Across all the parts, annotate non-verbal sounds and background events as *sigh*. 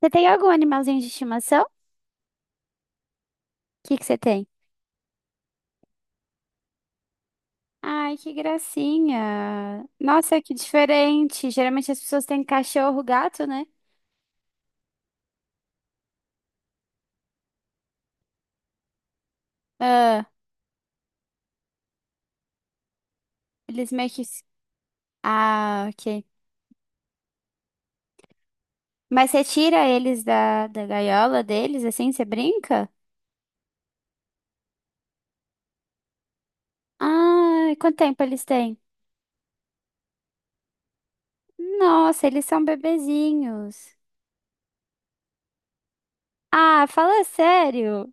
Você tem algum animalzinho de estimação? O que que você tem? Ai, que gracinha. Nossa, que diferente. Geralmente as pessoas têm cachorro, gato, né? Ah, eles meio que... Ah, ok. Mas você tira eles da gaiola deles, assim, você brinca? Ah, quanto tempo eles têm? Nossa, eles são bebezinhos. Ah, fala sério.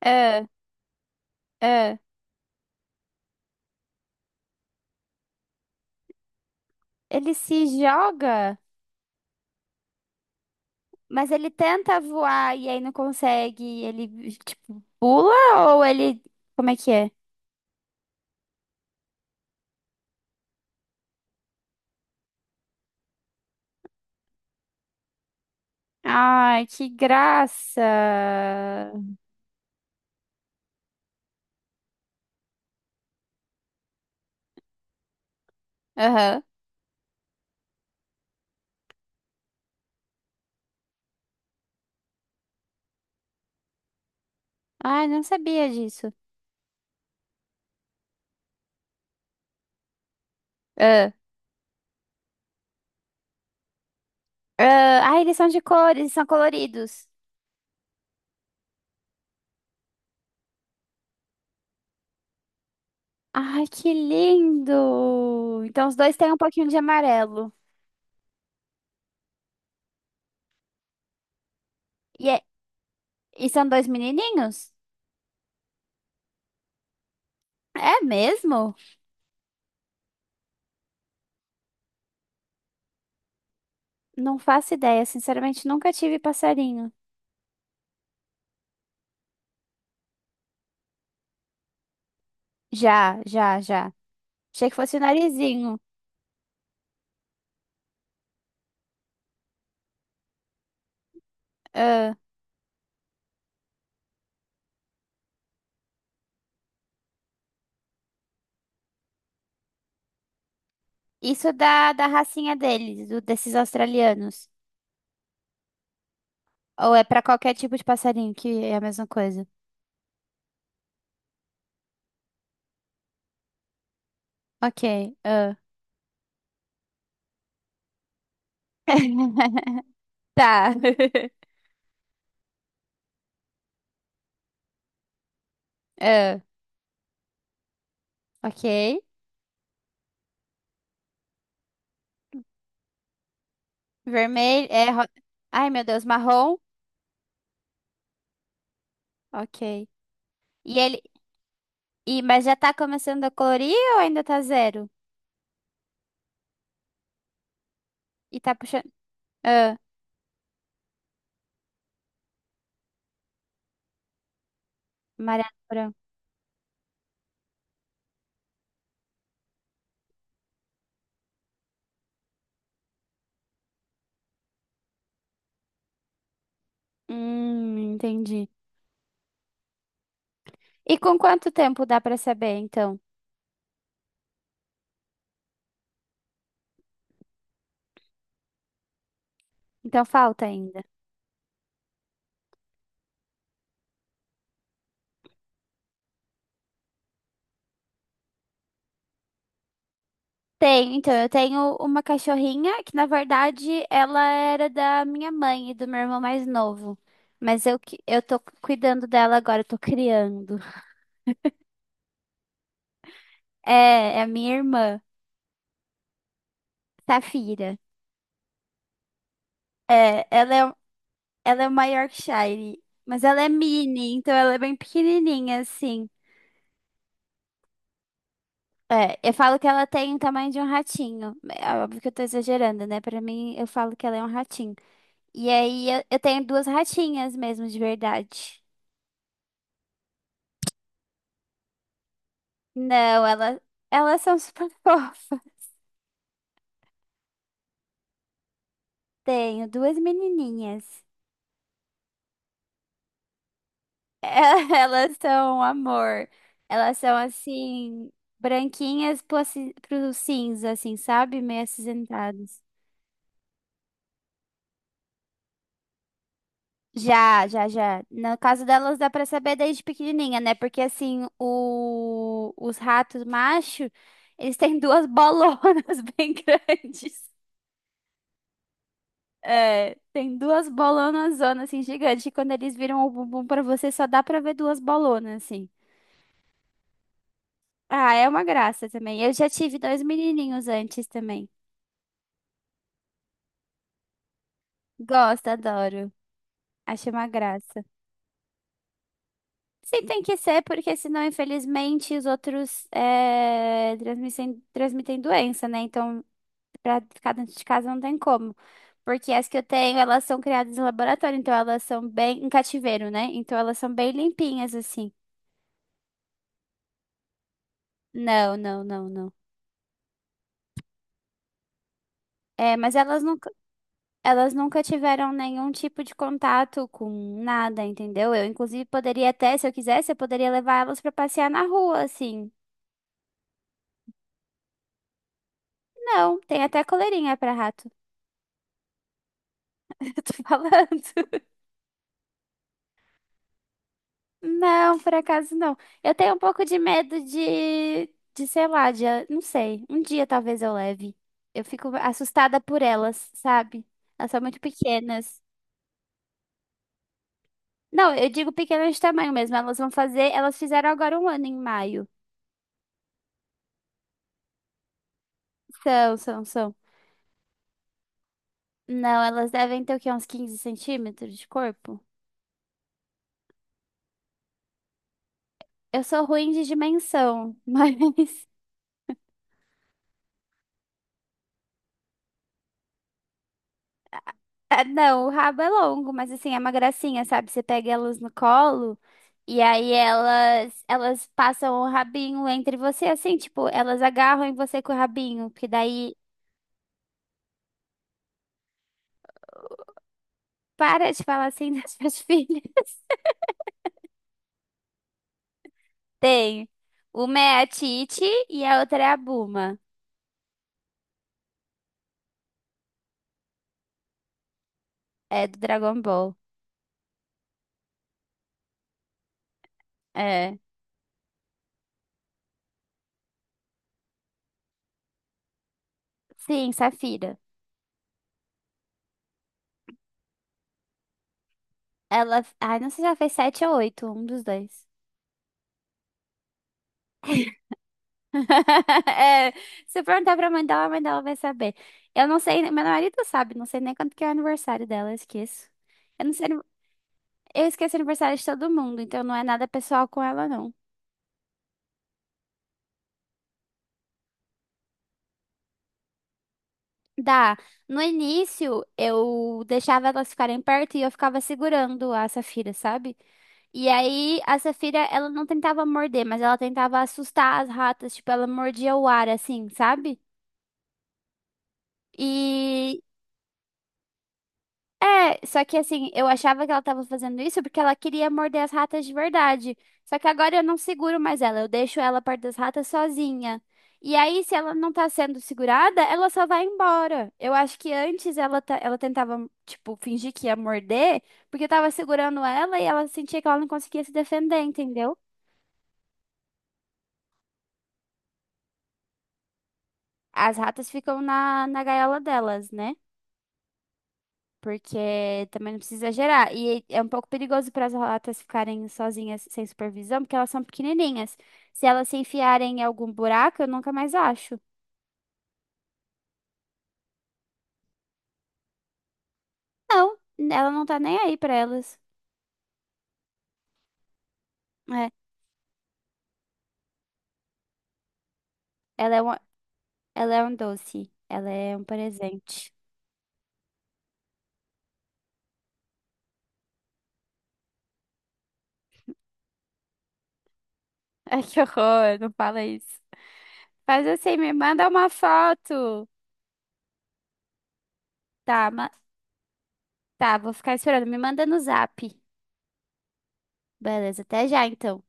Ah, ah. Ele se joga? Mas ele tenta voar e aí não consegue, e ele tipo pula ou ele como é que é? Ai, que graça. Aham. Ai, não sabia disso. Ah, ah, ai, eles são de cores, eles são coloridos. Ai, que lindo. Então os dois têm um pouquinho de amarelo. E, é- e são dois menininhos? É mesmo? Não faço ideia, sinceramente nunca tive passarinho. Já, já, já. Achei que fosse o narizinho. Isso da racinha deles, desses australianos. Ou é pra qualquer tipo de passarinho que é a mesma coisa? Ok, ah. *laughs* Tá. *laughs* Ah, ok. Vermelho. Ai, meu Deus, marrom. Ok. E ele. E, mas já tá começando a colorir ou ainda tá zero? E tá puxando. Ah, amarelo, branco. Entendi. E com quanto tempo dá pra saber, então? Então falta ainda. Tenho, então, eu tenho uma cachorrinha que, na verdade, ela era da minha mãe e do meu irmão mais novo. Mas eu tô cuidando dela agora, eu tô criando. É, é a minha irmã, Safira. É, ela é, ela é uma Yorkshire, mas ela é mini, então ela é bem pequenininha, assim. É, eu falo que ela tem o tamanho de um ratinho. É óbvio que eu tô exagerando, né? Pra mim, eu falo que ela é um ratinho. E aí, eu tenho duas ratinhas mesmo, de verdade. Não, ela, Elas são super *laughs* fofas. Tenho duas menininhas. É, *laughs* elas são um amor. Elas são assim, branquinhas pro, pro cinza, assim, sabe? Meio acinzentadas. Já, já, já. No caso delas, dá pra saber desde pequenininha, né? Porque assim, os ratos macho, eles têm duas bolonas *laughs* bem grandes. É, tem duas bolonas zona assim gigantes e quando eles viram o bumbum pra você só dá pra ver duas bolonas assim. Ah, é uma graça também. Eu já tive dois menininhos antes também. Gosto, adoro. Acho uma graça. Sim, tem que ser, porque senão, infelizmente, os outros é, transmitem doença, né? Então, pra ficar dentro de casa não tem como. Porque as que eu tenho, elas são criadas em laboratório, então elas são bem em cativeiro, né? Então elas são bem limpinhas, assim. Não, não, não, não. É, mas elas nunca tiveram nenhum tipo de contato com nada, entendeu? Eu, inclusive, poderia até, se eu quisesse, eu poderia levar elas pra passear na rua, assim. Não, tem até coleirinha pra rato. *laughs* Eu tô falando. Não, por acaso não. Eu tenho um pouco de medo sei lá, de, não sei. Um dia talvez eu leve. Eu fico assustada por elas, sabe? Elas são muito pequenas. Não, eu digo pequenas de tamanho mesmo. Elas vão fazer, elas fizeram agora um ano em maio. São, são, são. Não, elas devem ter o quê? Uns 15 centímetros de corpo? Eu sou ruim de dimensão, mas. *laughs* Ah, não, o rabo é longo, mas assim, é uma gracinha, sabe? Você pega elas no colo e aí elas passam o rabinho entre você, assim, tipo, elas agarram em você com o rabinho, porque daí para de falar assim das suas *laughs* filhas. Tem. Uma é a Titi e a outra é a Buma. É do Dragon Ball. É. Sim, Safira. Ela. Ai, não sei se ela fez sete ou oito, um dos dois. *laughs* É, se eu perguntar pra mãe dela, a mãe dela vai saber. Eu não sei, meu marido sabe, não sei nem quanto que é o aniversário dela, eu esqueço. Eu não sei, eu esqueço o aniversário de todo mundo, então não é nada pessoal com ela, não. Dá. No início, eu deixava elas ficarem perto e eu ficava segurando a Safira, sabe? E aí, a Safira, ela não tentava morder, mas ela tentava assustar as ratas, tipo, ela mordia o ar, assim, sabe? E é, só que assim, eu achava que ela tava fazendo isso porque ela queria morder as ratas de verdade. Só que agora eu não seguro mais ela, eu deixo ela perto das ratas sozinha. E aí, se ela não tá sendo segurada, ela só vai embora. Eu acho que antes ela tentava, tipo, fingir que ia morder, porque eu tava segurando ela e ela sentia que ela não conseguia se defender, entendeu? As ratas ficam na gaiola delas, né? Porque também não precisa exagerar. E é um pouco perigoso para as ratas ficarem sozinhas sem supervisão, porque elas são pequenininhas. Se elas se enfiarem em algum buraco, eu nunca mais acho. Não, ela não tá nem aí para elas. É, ela é um, ela é um doce. Ela é um presente. *laughs* Ai, que horror, não fala isso. Faz assim, me manda uma foto. Tá, ma- tá, vou ficar esperando. Me manda no zap. Beleza, até já então.